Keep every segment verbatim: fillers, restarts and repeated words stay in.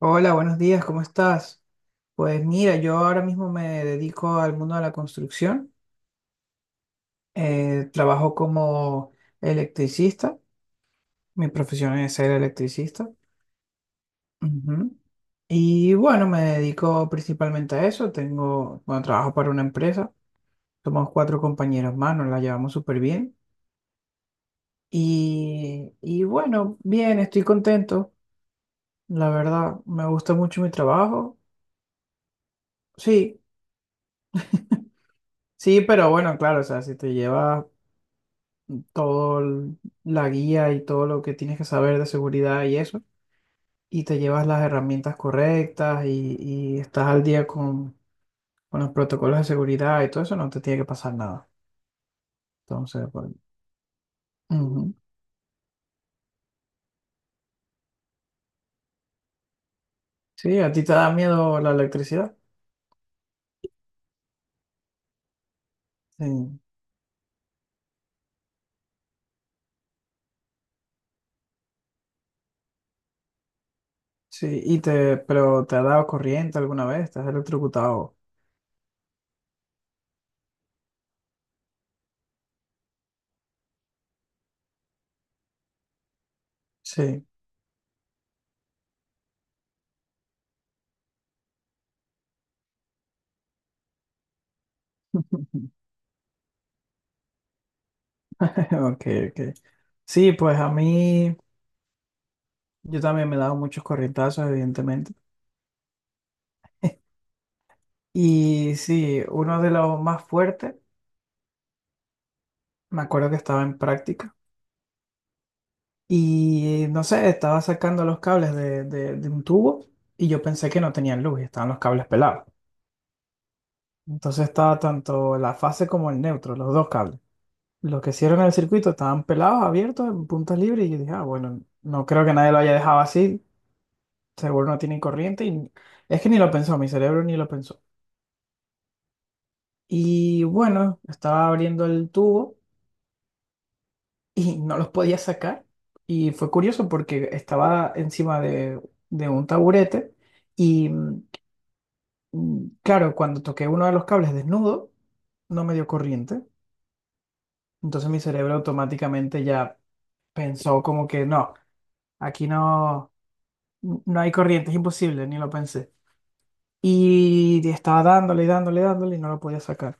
Hola, buenos días, ¿cómo estás? Pues mira, yo ahora mismo me dedico al mundo de la construcción. Eh, trabajo como electricista. Mi profesión es ser electricista. Ujú. Y bueno, me dedico principalmente a eso. Tengo, bueno, trabajo para una empresa. Somos cuatro compañeros más, nos la llevamos súper bien. Y, y bueno, bien, estoy contento. La verdad, me gusta mucho mi trabajo. Sí, sí, pero bueno, claro, o sea, si te llevas toda la guía y todo lo que tienes que saber de seguridad y eso, y te llevas las herramientas correctas y, y estás al día con, con los protocolos de seguridad y todo eso, no te tiene que pasar nada. Entonces, pues, ujú. Sí, a ti te da miedo la electricidad. Sí, sí, y te, pero te ha dado corriente alguna vez, te has electrocutado. Sí. Ok, ok. Sí, pues a mí, yo también me he dado muchos corrientazos, evidentemente. Y sí, uno de los más fuertes. Me acuerdo que estaba en práctica y no sé, estaba sacando los cables de, de- de un tubo y yo pensé que no tenían luz y estaban los cables pelados. Entonces estaba tanto la fase como el neutro, los dos cables. Los que hicieron el circuito estaban pelados, abiertos, en puntas libres y yo dije, ah, bueno, no creo que nadie lo haya dejado así, seguro no tiene corriente y es que ni lo pensó, mi cerebro ni lo pensó. Y bueno, estaba abriendo el tubo, y no los podía sacar. Y fue curioso porque estaba encima de, de un taburete y mm, claro, cuando toqué uno de los cables desnudo, no me dio corriente. Entonces mi cerebro automáticamente ya pensó como que no, aquí no, no hay corriente, es imposible, ni lo pensé. Y estaba dándole y dándole y dándole y no lo podía sacar.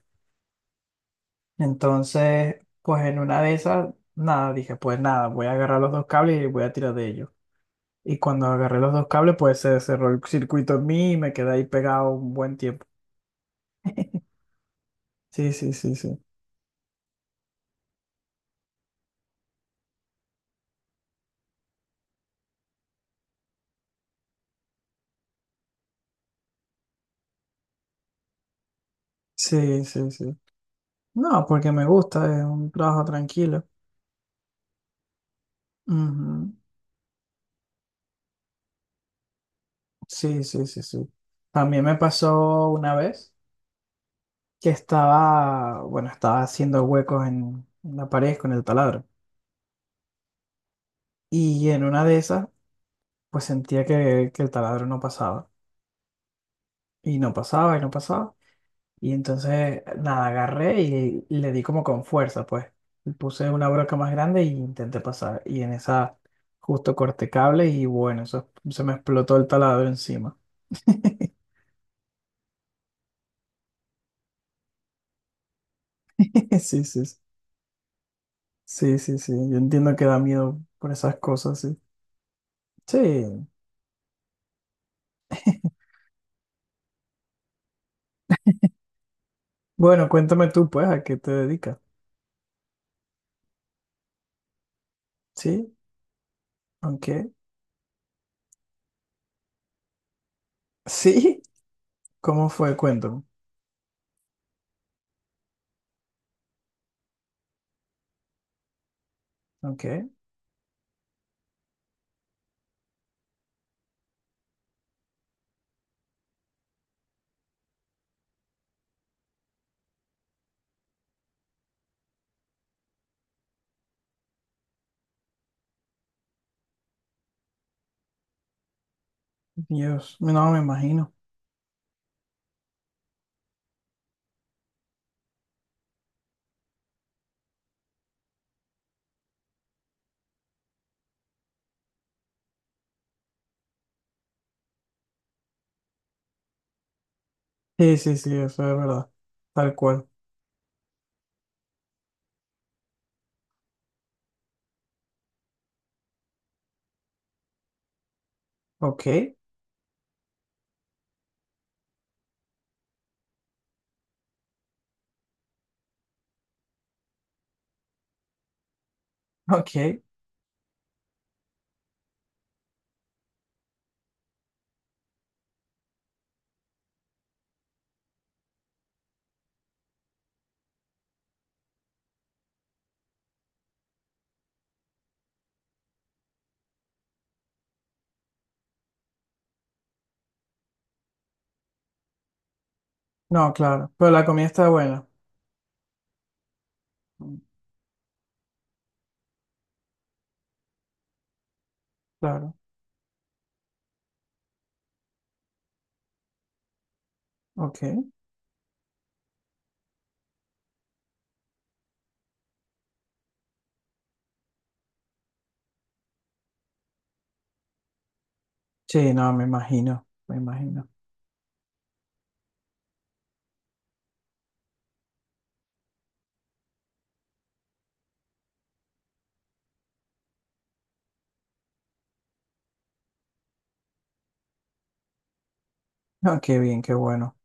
Entonces, pues en una de esas, nada, dije, pues nada, voy a agarrar los dos cables y voy a tirar de ellos. Y cuando agarré los dos cables, pues se cerró el circuito en mí y me quedé ahí pegado un buen tiempo. Sí, sí, sí, sí. Sí, sí, sí. No, porque me gusta, es un trabajo tranquilo. Ujú. Sí, sí, sí, sí. También me pasó una vez que estaba, bueno, estaba haciendo huecos en, en la pared con el taladro. Y en una de esas, pues sentía que, que el taladro no pasaba. Y no pasaba, y no pasaba. Y entonces, nada, agarré y le di como con fuerza, pues. Y Puse una broca más grande y intenté pasar. Y en esa justo corté cable y bueno, eso se me explotó el taladro encima. Sí, sí, sí. Sí, sí, sí. Yo entiendo que da miedo por esas cosas, sí. Sí. Bueno, cuéntame tú, pues, ¿a qué te dedicas? Sí, aunque. Sí, ¿cómo fue? Cuéntame. Ok. Dios, no me imagino. Sí, sí, sí, eso es verdad. Tal cual. Ok, ok. No, claro, pero la comida está buena. Mm. Claro, ok. Sí, no, me imagino, me imagino. No, qué bien, qué bueno.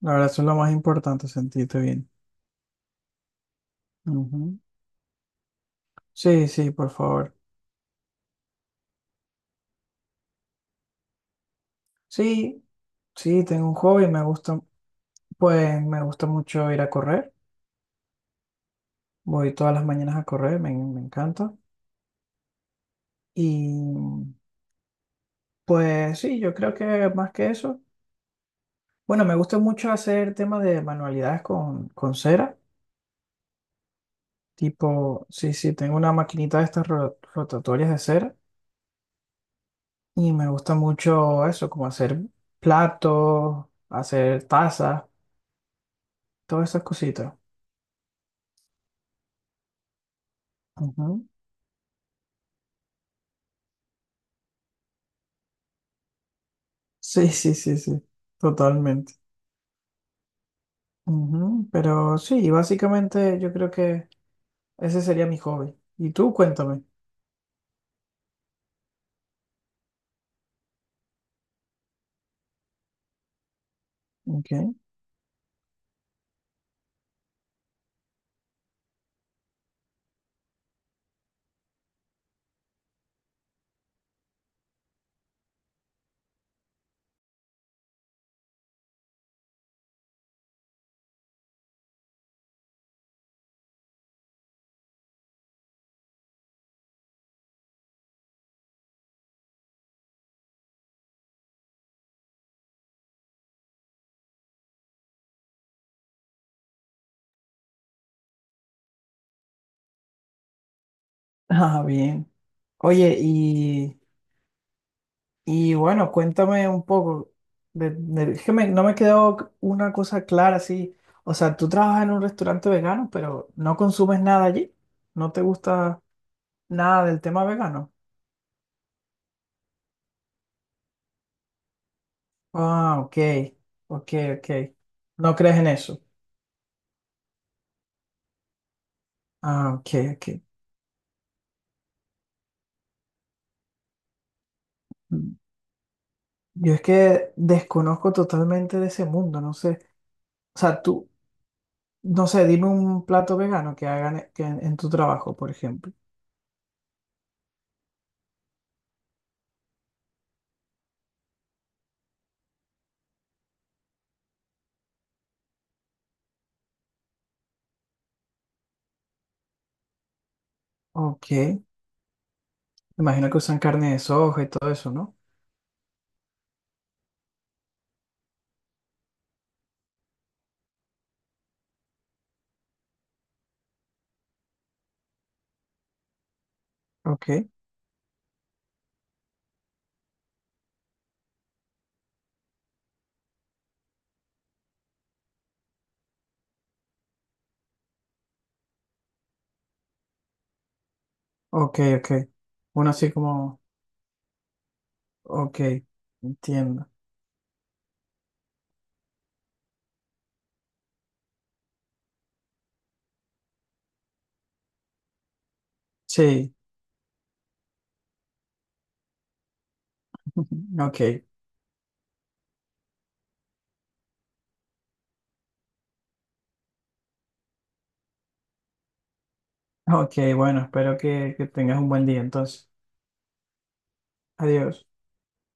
La verdad, eso es lo más importante, sentirte bien. Ujú. Sí, sí, por favor. Sí, sí, tengo un hobby, me gusta, pues me gusta mucho ir a correr. Voy todas las mañanas a correr, me, me encanta. Y pues sí, yo creo que más que eso, bueno, me gusta mucho hacer temas de manualidades con, con cera. Tipo, sí, sí, tengo una maquinita de estas ro- rotatorias de cera y me gusta mucho eso, como hacer platos, hacer tazas, todas esas cositas. Ujú. Sí, sí, sí, sí, totalmente. Ujú, Pero sí, básicamente yo creo que ese sería mi hobby. Y tú, cuéntame. Ok. Ah, bien. Oye. y Y bueno, cuéntame un poco. de- de- es que me- no me quedó c- una cosa clara así. O sea, tú trabajas en un restaurante vegano, pero no consumes nada allí. No te gusta nada del tema vegano. Ah, ok. Ok, ok. No crees en eso. Ah, ok, ok. Mm. Yo es que desconozco totalmente de ese mundo, no sé. O sea, tú, no sé, dime un plato vegano que hagan e- que en, en tu trabajo, por ejemplo. Ok. Imagino que usan carne de soja y todo eso, ¿no? Ok, ok, ok. Uno así como, ok, entiendo. Sí, ok, ok, bueno, espero que, que tengas un buen día entonces. Adiós.